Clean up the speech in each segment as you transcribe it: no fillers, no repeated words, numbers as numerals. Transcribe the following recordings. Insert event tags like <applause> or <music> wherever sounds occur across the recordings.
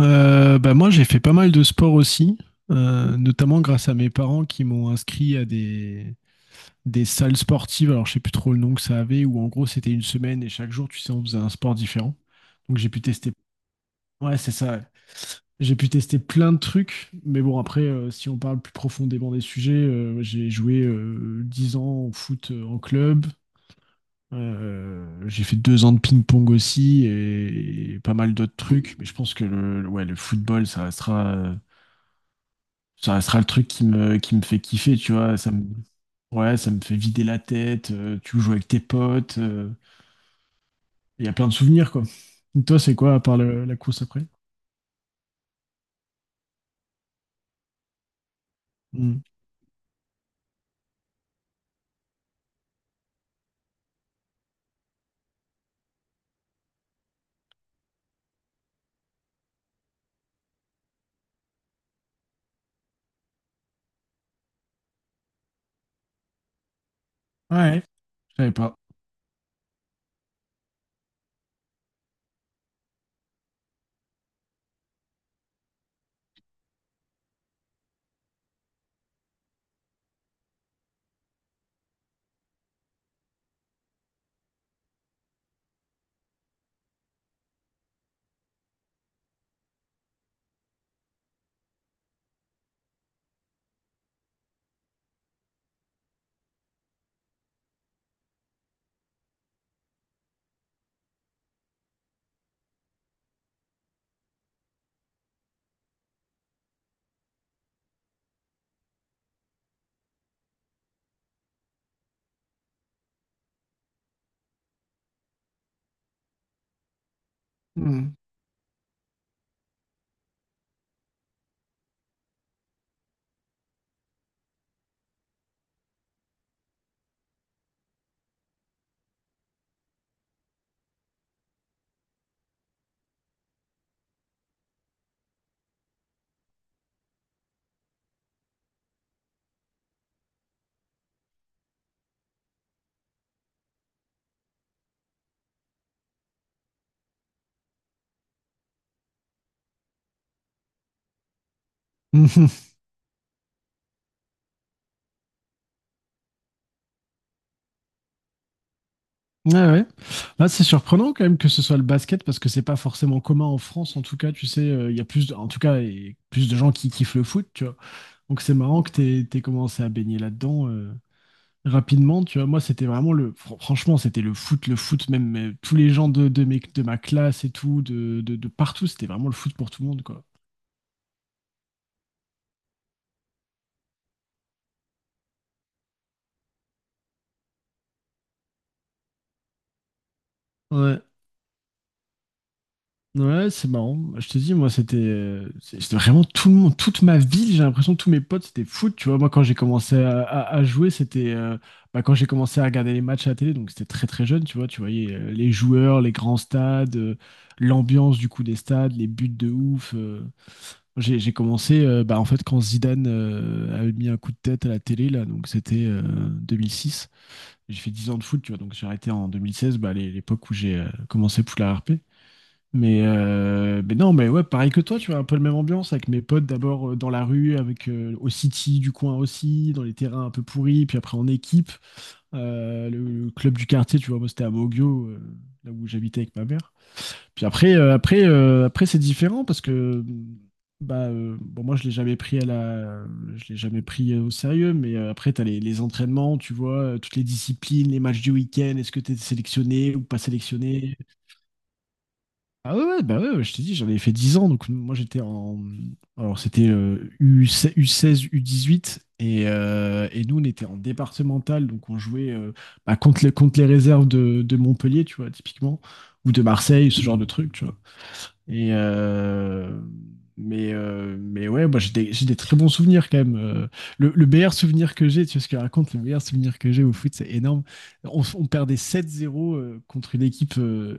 Bah moi, j'ai fait pas mal de sport aussi, notamment grâce à mes parents qui m'ont inscrit à des salles sportives. Alors, je sais plus trop le nom que ça avait, où en gros, c'était une semaine et chaque jour, tu sais, on faisait un sport différent. Donc, j'ai pu tester. Ouais, c'est ça. Ouais. J'ai pu tester plein de trucs. Mais bon, après, si on parle plus profondément des sujets, j'ai joué 10 ans au foot en club. J'ai fait 2 ans de ping-pong aussi et pas mal d'autres trucs. Mais je pense que ouais, le football, ça restera. Ça restera le truc qui me fait kiffer, tu vois. Ouais, ça me fait vider la tête. Tu joues avec tes potes. Il y a plein de souvenirs, quoi. Et toi, c'est quoi, à part la course après? Hmm. Ouais, je savais pas. <laughs> Mhm. Ouais, ouais. Là, c'est surprenant quand même que ce soit le basket parce que c'est pas forcément commun en France. En tout cas, tu sais, il y a plus, en tout cas, et plus de gens qui kiffent le foot, tu vois. Donc c'est marrant que t'aies commencé à baigner là-dedans. Rapidement, tu vois, moi, c'était vraiment le. Fr- Franchement, c'était le foot, même tous les gens de ma classe et tout, de partout, c'était vraiment le foot pour tout le monde, quoi. Ouais, ouais, c'est marrant. Je te dis, moi, c'était vraiment tout le monde, toute ma ville, j'ai l'impression, que tous mes potes, c'était foot, tu vois. Moi, quand j'ai commencé à jouer, c'était. Bah, quand j'ai commencé à regarder les matchs à la télé, donc c'était très, très jeune, tu vois, tu voyais les joueurs, les grands stades, l'ambiance, du coup, des stades, les buts de ouf. J'ai commencé bah, en fait quand Zidane avait mis un coup de tête à la télé là, donc c'était 2006. J'ai fait 10 ans de foot, tu vois, donc j'ai arrêté en 2016, bah, l'époque où j'ai commencé Poula RP. Mais non, mais ouais, pareil que toi, tu vois, un peu la même ambiance avec mes potes d'abord dans la rue, avec au City du coin aussi, dans les terrains un peu pourris, puis après en équipe. Le club du quartier, tu vois, moi c'était à Mogio, là où j'habitais avec ma mère. Puis après c'est différent parce que bon, moi, je l'ai jamais pris au sérieux, mais après, tu as les entraînements, tu vois, toutes les disciplines, les matchs du week-end, est-ce que tu es sélectionné ou pas sélectionné? Ah ouais, ouais, bah ouais, ouais, je t'ai dit, j'en ai fait 10 ans, donc moi, Alors, c'était U16, U16, U18, et nous, on était en départemental, donc on jouait bah, contre les réserves de Montpellier, tu vois, typiquement, ou de Marseille, ce genre de truc, tu vois. Et, euh, mais ouais, moi j'ai des très bons souvenirs quand même. Le meilleur souvenir que j'ai, tu vois ce que je raconte, le meilleur souvenir que j'ai au foot, c'est énorme. On perdait 7-0 contre une équipe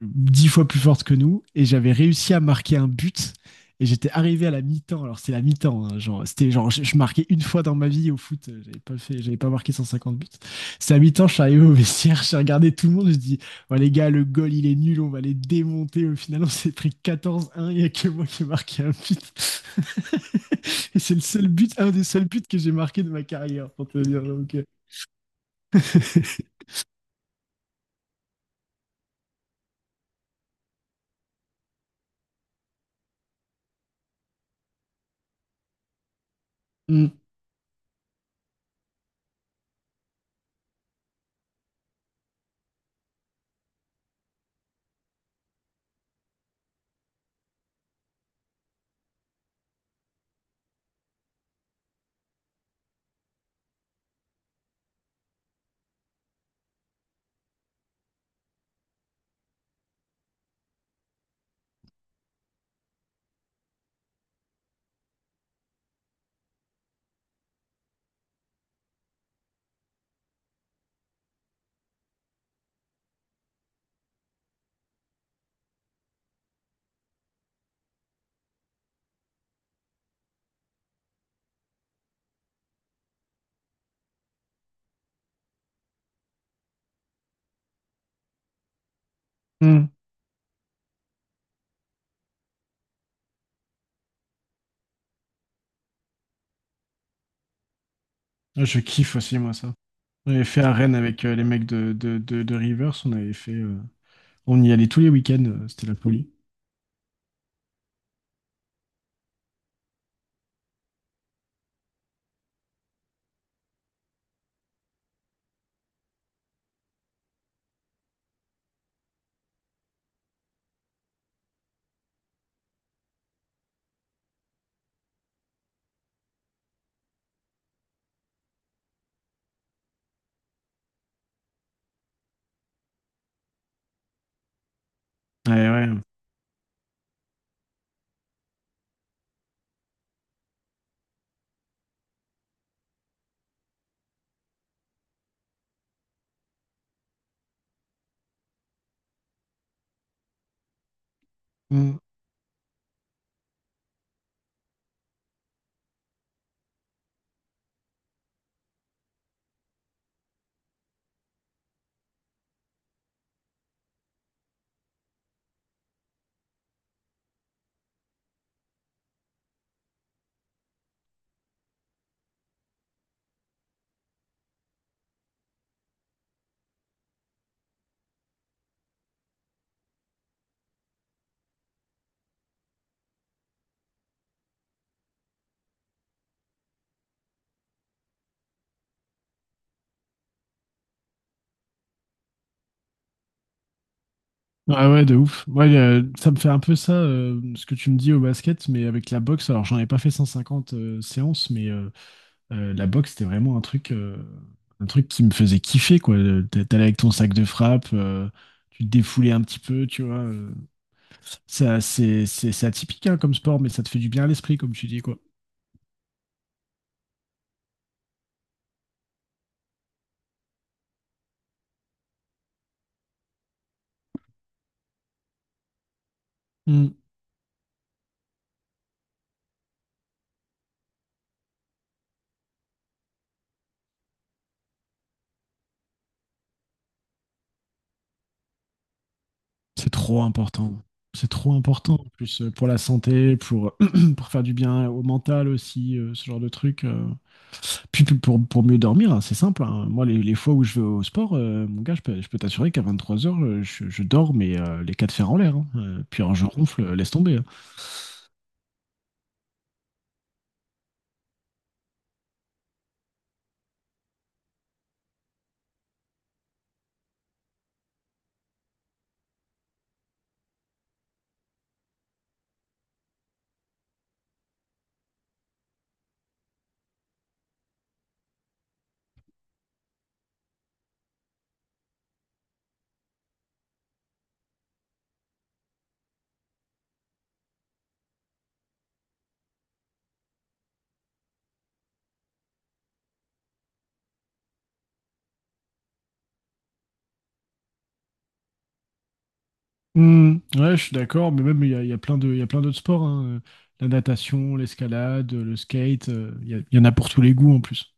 10 fois plus forte que nous et j'avais réussi à marquer un but et j'étais arrivé à la mi-temps. Alors c'est la mi-temps, hein, genre c'était genre je marquais une fois dans ma vie au foot, j'avais pas marqué 150 buts. C'est à mi-temps, je suis arrivé au vestiaire, j'ai regardé tout le monde, je dis "Ouais les gars, le goal il est nul, on va les démonter." Au final, on s'est pris 14-1, il y a que moi qui ai marqué un but. <laughs> Et c'est le seul but, un des seuls buts que j'ai marqué de ma carrière pour te dire. <laughs> Mm, mm. Je kiffe aussi moi ça. On avait fait à Rennes avec les mecs de Rivers. On avait fait. On y allait tous les week-ends. C'était la folie. Ouais, ouais. Mm. Ah ouais, de ouf. Ouais, ça me fait un peu ça, ce que tu me dis au basket, mais avec la boxe. Alors, j'en ai pas fait 150 séances, la boxe, c'était vraiment un truc qui me faisait kiffer, quoi. T'allais avec ton sac de frappe, tu te défoulais un petit peu, tu vois. Ça, c'est atypique, hein, comme sport, mais ça te fait du bien à l'esprit, comme tu dis, quoi. C'est trop important. C'est trop important en plus pour la santé, <clears throat> pour faire du bien au mental aussi, ce genre de truc. Puis pour mieux dormir, hein, c'est simple, hein. Moi, les fois où je vais au sport, mon gars, je peux t'assurer qu'à 23h, je dors, mais les quatre fers en l'air, hein. Puis alors, je ronfle, laisse tomber, hein. Hmm, ouais, je suis d'accord, mais même il y a plein d'autres sports, hein. La natation, l'escalade, le skate, il y en a pour tous les goûts en plus.